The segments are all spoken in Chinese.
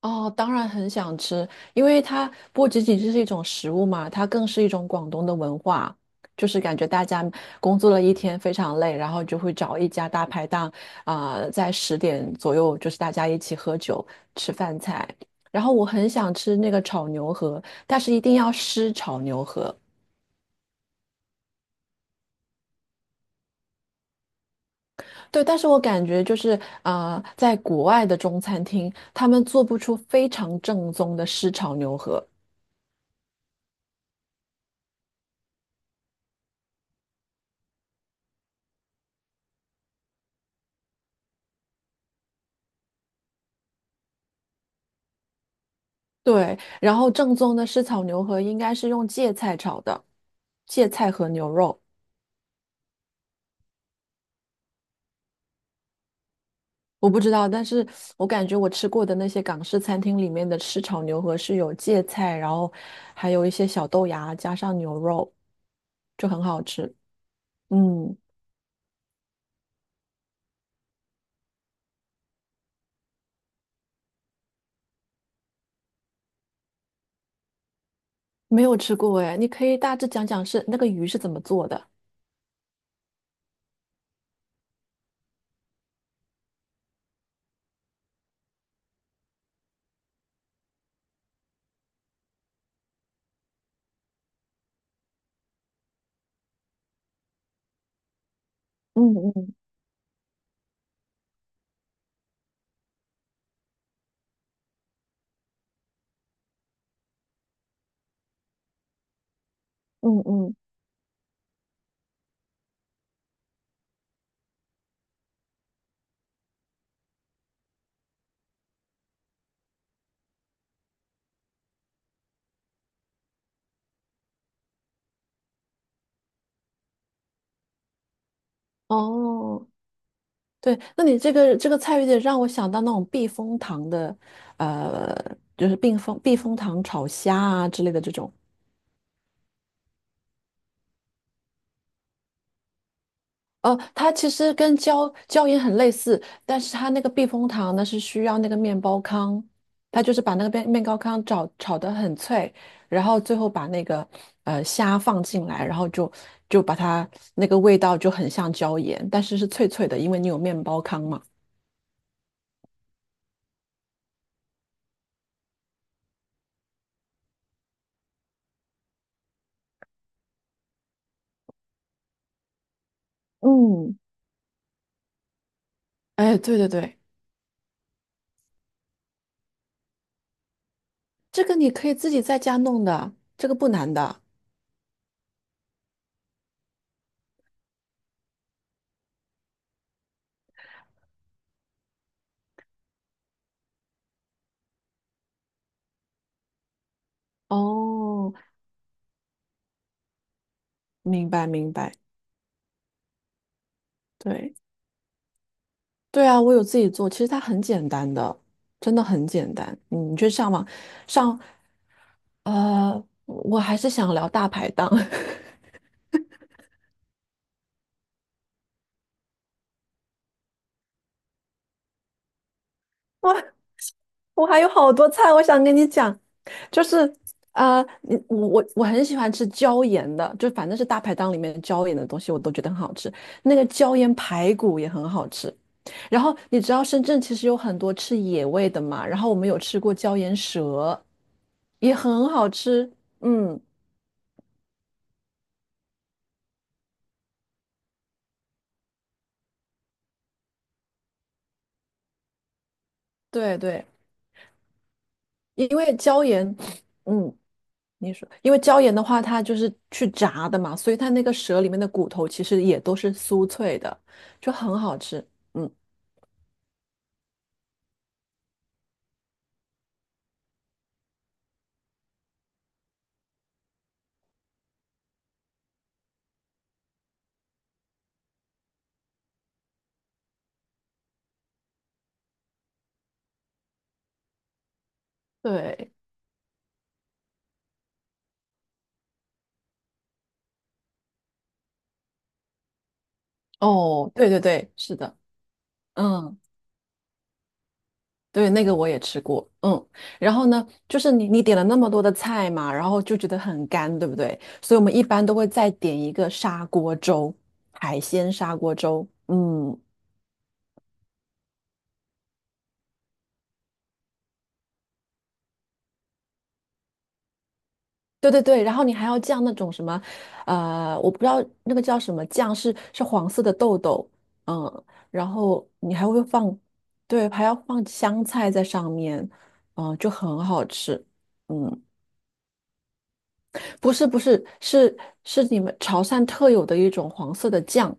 哦，当然很想吃，因为它不仅仅是一种食物嘛，它更是一种广东的文化。就是感觉大家工作了一天非常累，然后就会找一家大排档，在十点左右就是大家一起喝酒吃饭菜。然后我很想吃那个炒牛河，但是一定要湿炒牛河。对，但是我感觉就是在国外的中餐厅，他们做不出非常正宗的湿炒牛河。对，然后正宗的湿炒牛河应该是用芥菜炒的，芥菜和牛肉，我不知道，但是我感觉我吃过的那些港式餐厅里面的湿炒牛河是有芥菜，然后还有一些小豆芽加上牛肉，就很好吃。嗯，没有吃过哎，你可以大致讲讲是那个鱼是怎么做的。嗯嗯嗯嗯。哦。对，那你这个这个菜有点让我想到那种避风塘的，呃，就是避风塘炒虾啊之类的这种。哦，它其实跟椒盐很类似，但是它那个避风塘呢是需要那个面包糠，它就是把那个面包糠炒得很脆，然后最后把那个虾放进来，然后就就把它那个味道就很像椒盐，但是是脆脆的，因为你有面包糠嘛。嗯，哎，对对对，这个你可以自己在家弄的，这个不难的。哦，明白明白。对，对啊，我有自己做，其实它很简单的，真的很简单。嗯你去上网上，我还是想聊大排档。我还有好多菜，我想跟你讲，就是你我很喜欢吃椒盐的，就反正是大排档里面椒盐的东西，我都觉得很好吃。那个椒盐排骨也很好吃。然后你知道深圳其实有很多吃野味的嘛，然后我们有吃过椒盐蛇，也很好吃。嗯，对对，因为椒盐，嗯。你说，因为椒盐的话，它就是去炸的嘛，所以它那个蛇里面的骨头其实也都是酥脆的，就很好吃。嗯，对，哦，对对对，是的，嗯，对，那个我也吃过。嗯，然后呢，就是你你点了那么多的菜嘛，然后就觉得很干，对不对？所以我们一般都会再点一个砂锅粥，海鲜砂锅粥。嗯，对对对，然后你还要酱那种什么，我不知道那个叫什么酱，是是黄色的豆豆，嗯，然后你还会放，对，还要放香菜在上面，嗯，就很好吃，嗯，不是,是你们潮汕特有的一种黄色的酱，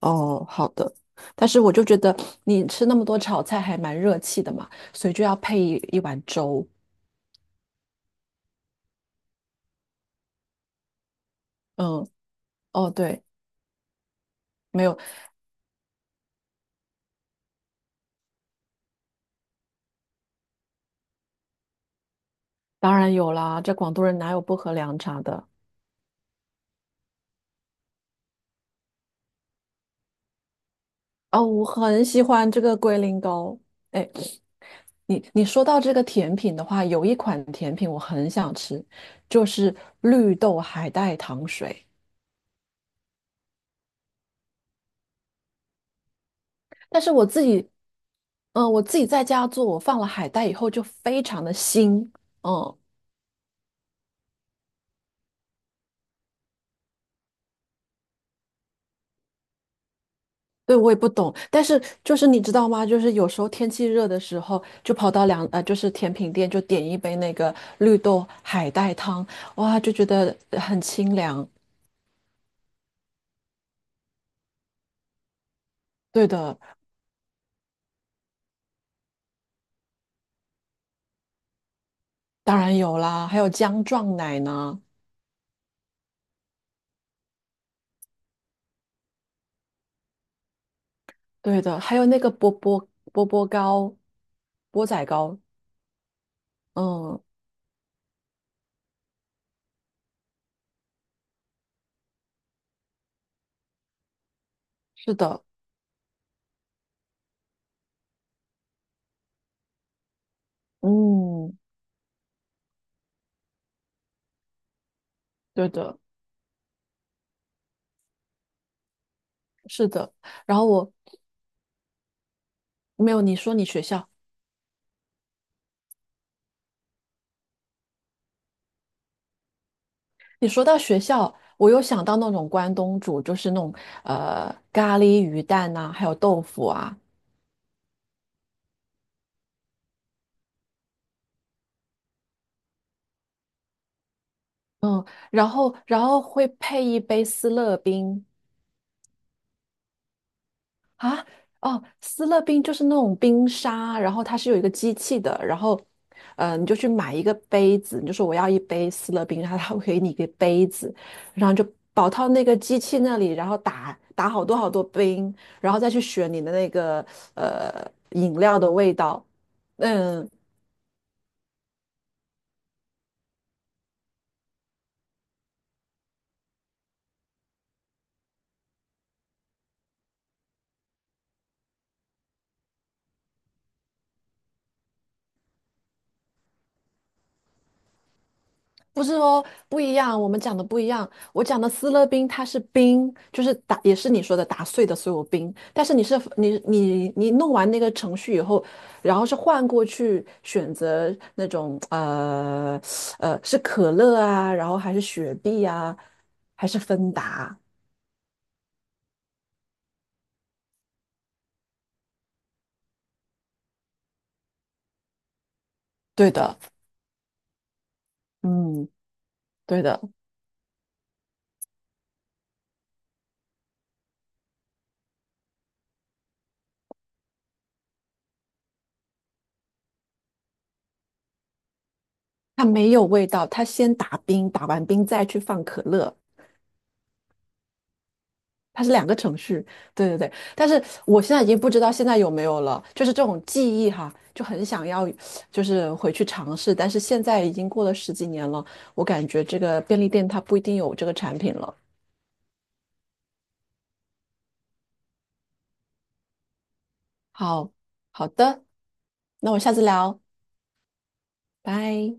哦，好的，但是我就觉得你吃那么多炒菜还蛮热气的嘛，所以就要配一碗粥，嗯，哦对，没有，当然有啦，这广东人哪有不喝凉茶的？哦，我很喜欢这个龟苓膏。哎，你你说到这个甜品的话，有一款甜品我很想吃，就是绿豆海带糖水。但是我自己，我自己在家做，我放了海带以后就非常的腥。嗯，对，我也不懂。但是就是你知道吗？就是有时候天气热的时候，就跑到就是甜品店就点一杯那个绿豆海带汤，哇，就觉得很清凉。对的。当然有啦，还有姜撞奶呢，对的，还有那个波波波波糕、钵仔糕，嗯，是的，嗯，对的，是的。然后我没有你说你学校，你说到学校，我又想到那种关东煮，就是那种咖喱鱼蛋呐、还有豆腐啊，嗯，然后会配一杯思乐冰，啊，哦，斯乐冰就是那种冰沙，然后它是有一个机器的，然后，你就去买一个杯子，你就说我要一杯斯乐冰，然后它会给你一个杯子，然后就跑到那个机器那里，然后打好多好多冰，然后再去选你的那个饮料的味道，嗯，不是哦，不一样，我们讲的不一样。我讲的斯乐冰，它是冰，就是打，也是你说的打碎的所有冰。但是你是你弄完那个程序以后，然后是换过去选择那种是可乐啊，然后还是雪碧啊，还是芬达？对的，嗯，对的。它没有味道，它先打冰，打完冰再去放可乐。它是两个程序，对对对。但是我现在已经不知道现在有没有了，就是这种记忆哈，就很想要，就是回去尝试。但是现在已经过了十几年了，我感觉这个便利店它不一定有这个产品了。好，好的，那我下次聊，拜。